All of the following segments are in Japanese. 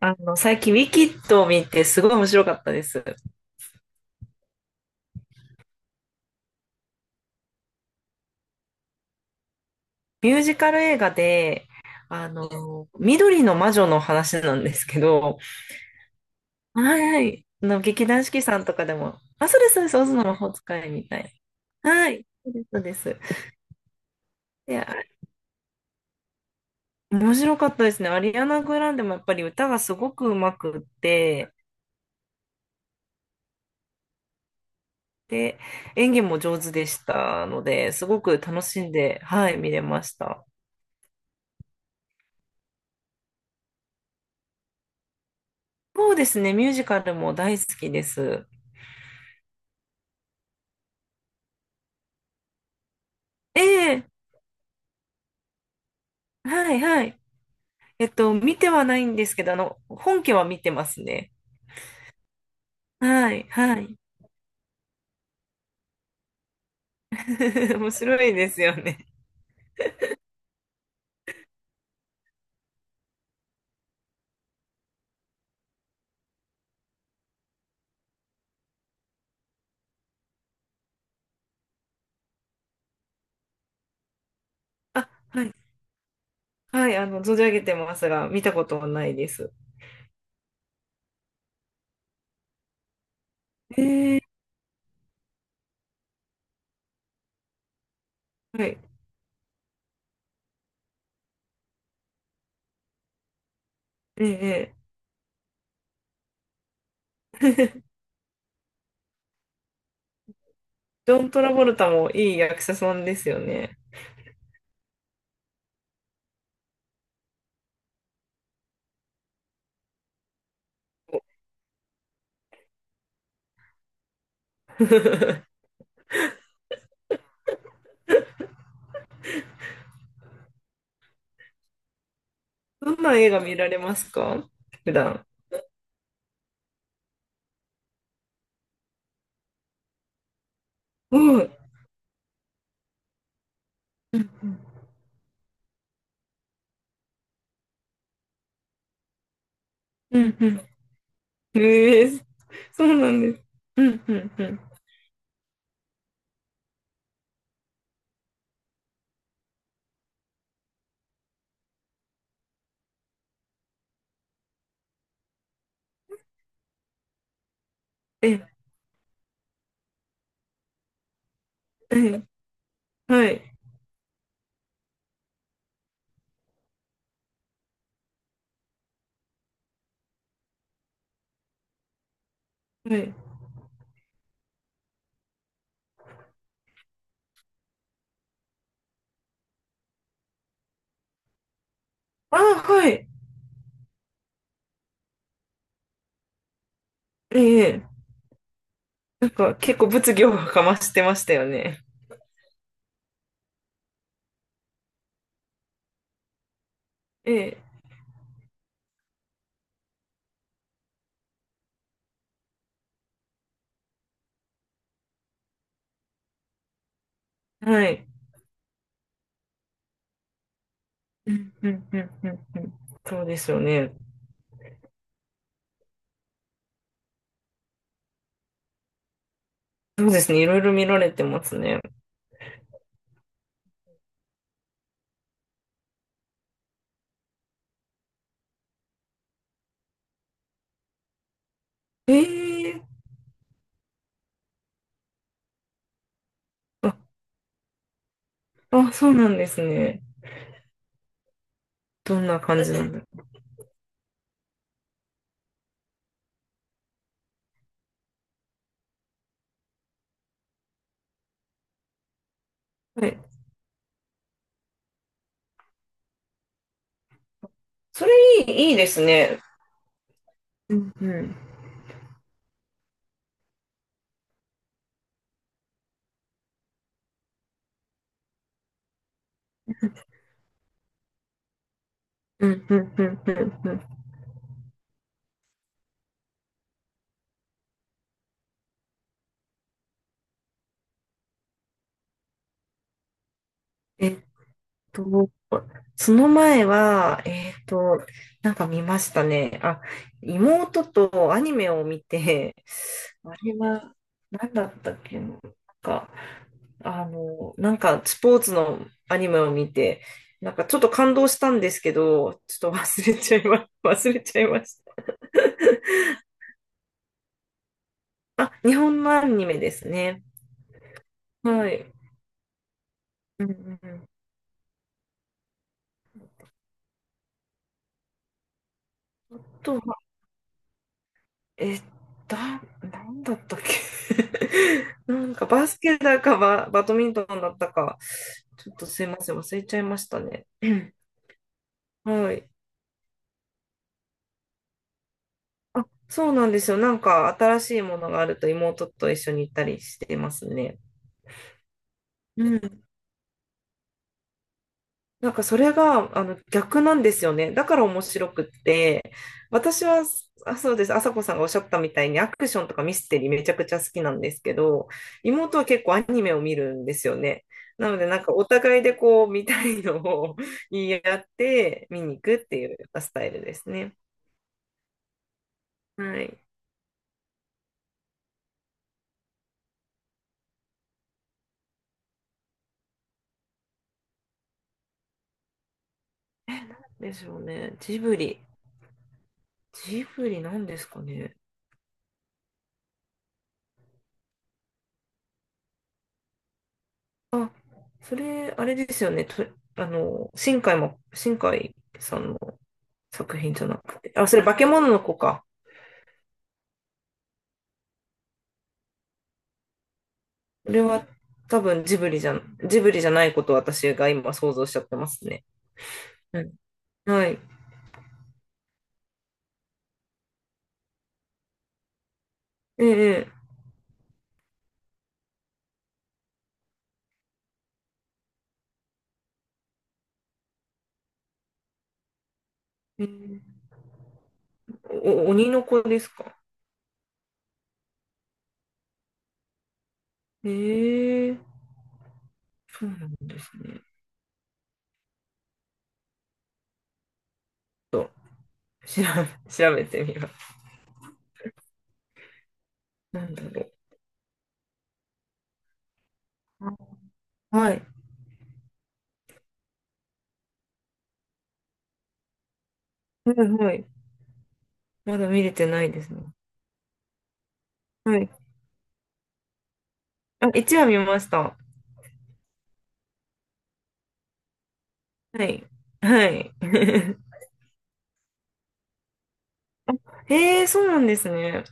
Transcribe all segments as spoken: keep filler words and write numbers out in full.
あの、最近、ウィキッドを見て、すごい面白かったです。ミュージカル映画で、あの、緑の魔女の話なんですけど、はいはい、あの、劇団四季さんとかでも、あ、そうです、そうです、オズの魔法使いみたいな。はい、そうです、そうです。いや、面白かったですね。アリアナ・グランデもやっぱり歌がすごく上手くって、で、演技も上手でしたので、すごく楽しんで、はい、見れました。そうですね、ミュージカルも大好きです。ええ、はい、はい。えっと、見てはないんですけど、あの、本家は見てますね。はい、はい。面白いですよね。あ、はい、はい、あの、存じ上げてますが、見たことはないです。えー、はい、ええ、ジョン・トラボルタもいい役者さんですよね。どんな映画見られますか？普段。うん。うん、うん、うん。ええ、そうなんです。うん、うん、うん。ええ、はい、はい。あ、はい。ええ、なんか結構物議をかましてましたよね。ええ、はい。うんうんうんうんうん。そうですよね。そうですね。いろいろ見られてますね。ええ、あ、あ、そうなんですね。どんな感じなんだ。はい。それいい、いいですね。うんうん。うんうんうんうんうん。えっと、その前は、えっと、なんか見ましたね。あ、妹とアニメを見て、あれは何だったっけな。なんかあの、なんかスポーツのアニメを見て、なんかちょっと感動したんですけど、ちょっと忘れちゃいま、忘れちゃいました。あ、日本のアニメですね。はい。うんうんうん。あとは、え、だ、なんだったっけ なんかバスケだかバ、バドミントンだったか、ちょっとすいません、忘れちゃいましたね。はい。あ、そうなんですよ。なんか新しいものがあると妹と一緒に行ったりしてますね。うん。なんかそれがあの逆なんですよね。だから面白くって、私は、あ、そうです、朝子さんがおっしゃったみたいにアクションとかミステリーめちゃくちゃ好きなんですけど、妹は結構アニメを見るんですよね。なのでなんかお互いでこう見たいのを 言い合って見に行くっていうスタイルですね。はい。でしょうね。ジブリ。ジブリなんですかね。あ、それ、あれですよね。と、あの、新海も、新海さんの作品じゃなくて。あ、それ化け物の子か。これは多分ジブリじゃ、ジブリじゃないことを私が今想像しちゃってますね。うん、はい。ええ、ええ、お、鬼の子ですか。ええ、そうなんですね。ちょっと、調べ、調べてみます。なんだろう。あ、はい。はいはい。まだ見れてないですね。はい。あ、一話見ました。はい。はい。ええ、そうなんですね。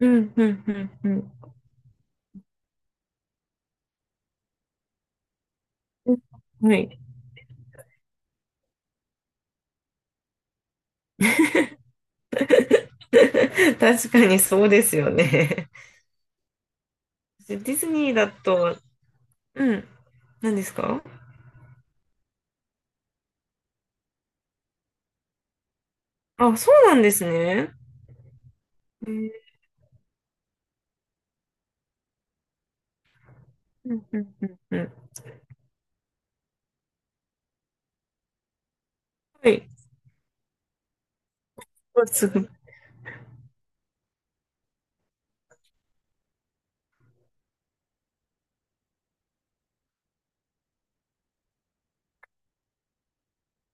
うん、うん、うん、うん。うん、はい。確かにそうですよね。ディズニーだと、うん、何ですか？あ、そうなんですね。えーうんうんうんうん。はい。すぐ、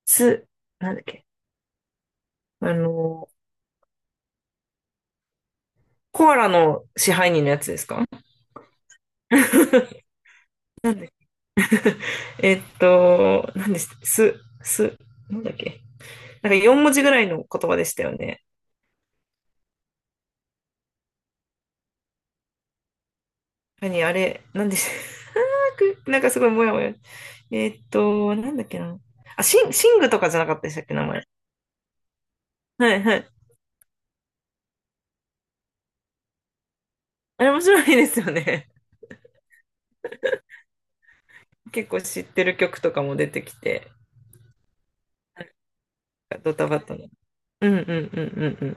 す、なんだっけ。あの、コアラの支配人のやつですか？ なんで、えっと、なんです、す、す、なんだっけ。なんかよん文字ぐらいの言葉でしたよね。何、あれ、なんでし あーくなんかすごいもやもや。えっと、なんだっけな。あ、シン、シングとかじゃなかったでしたっけ、名前。はいはい。あれ面白いですよね。結構知ってる曲とかも出てきて、ドタバタの。うんうんうんうん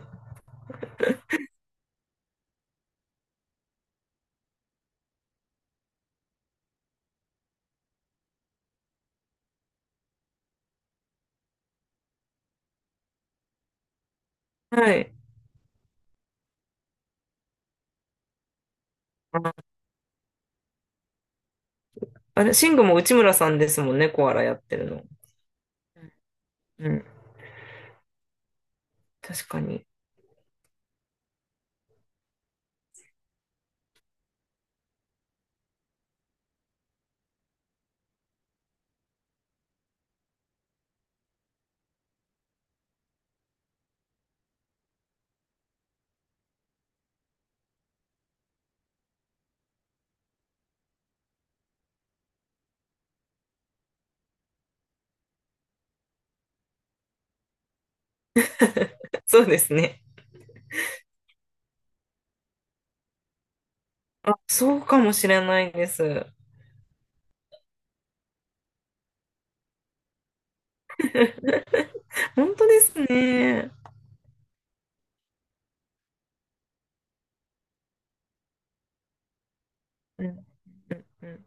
うん。はい。あ、あれ、シングも内村さんですもんね、コアラやってるの。うん、確かに。そうですね。あ、そうかもしれないです。本当ですね。うんうん。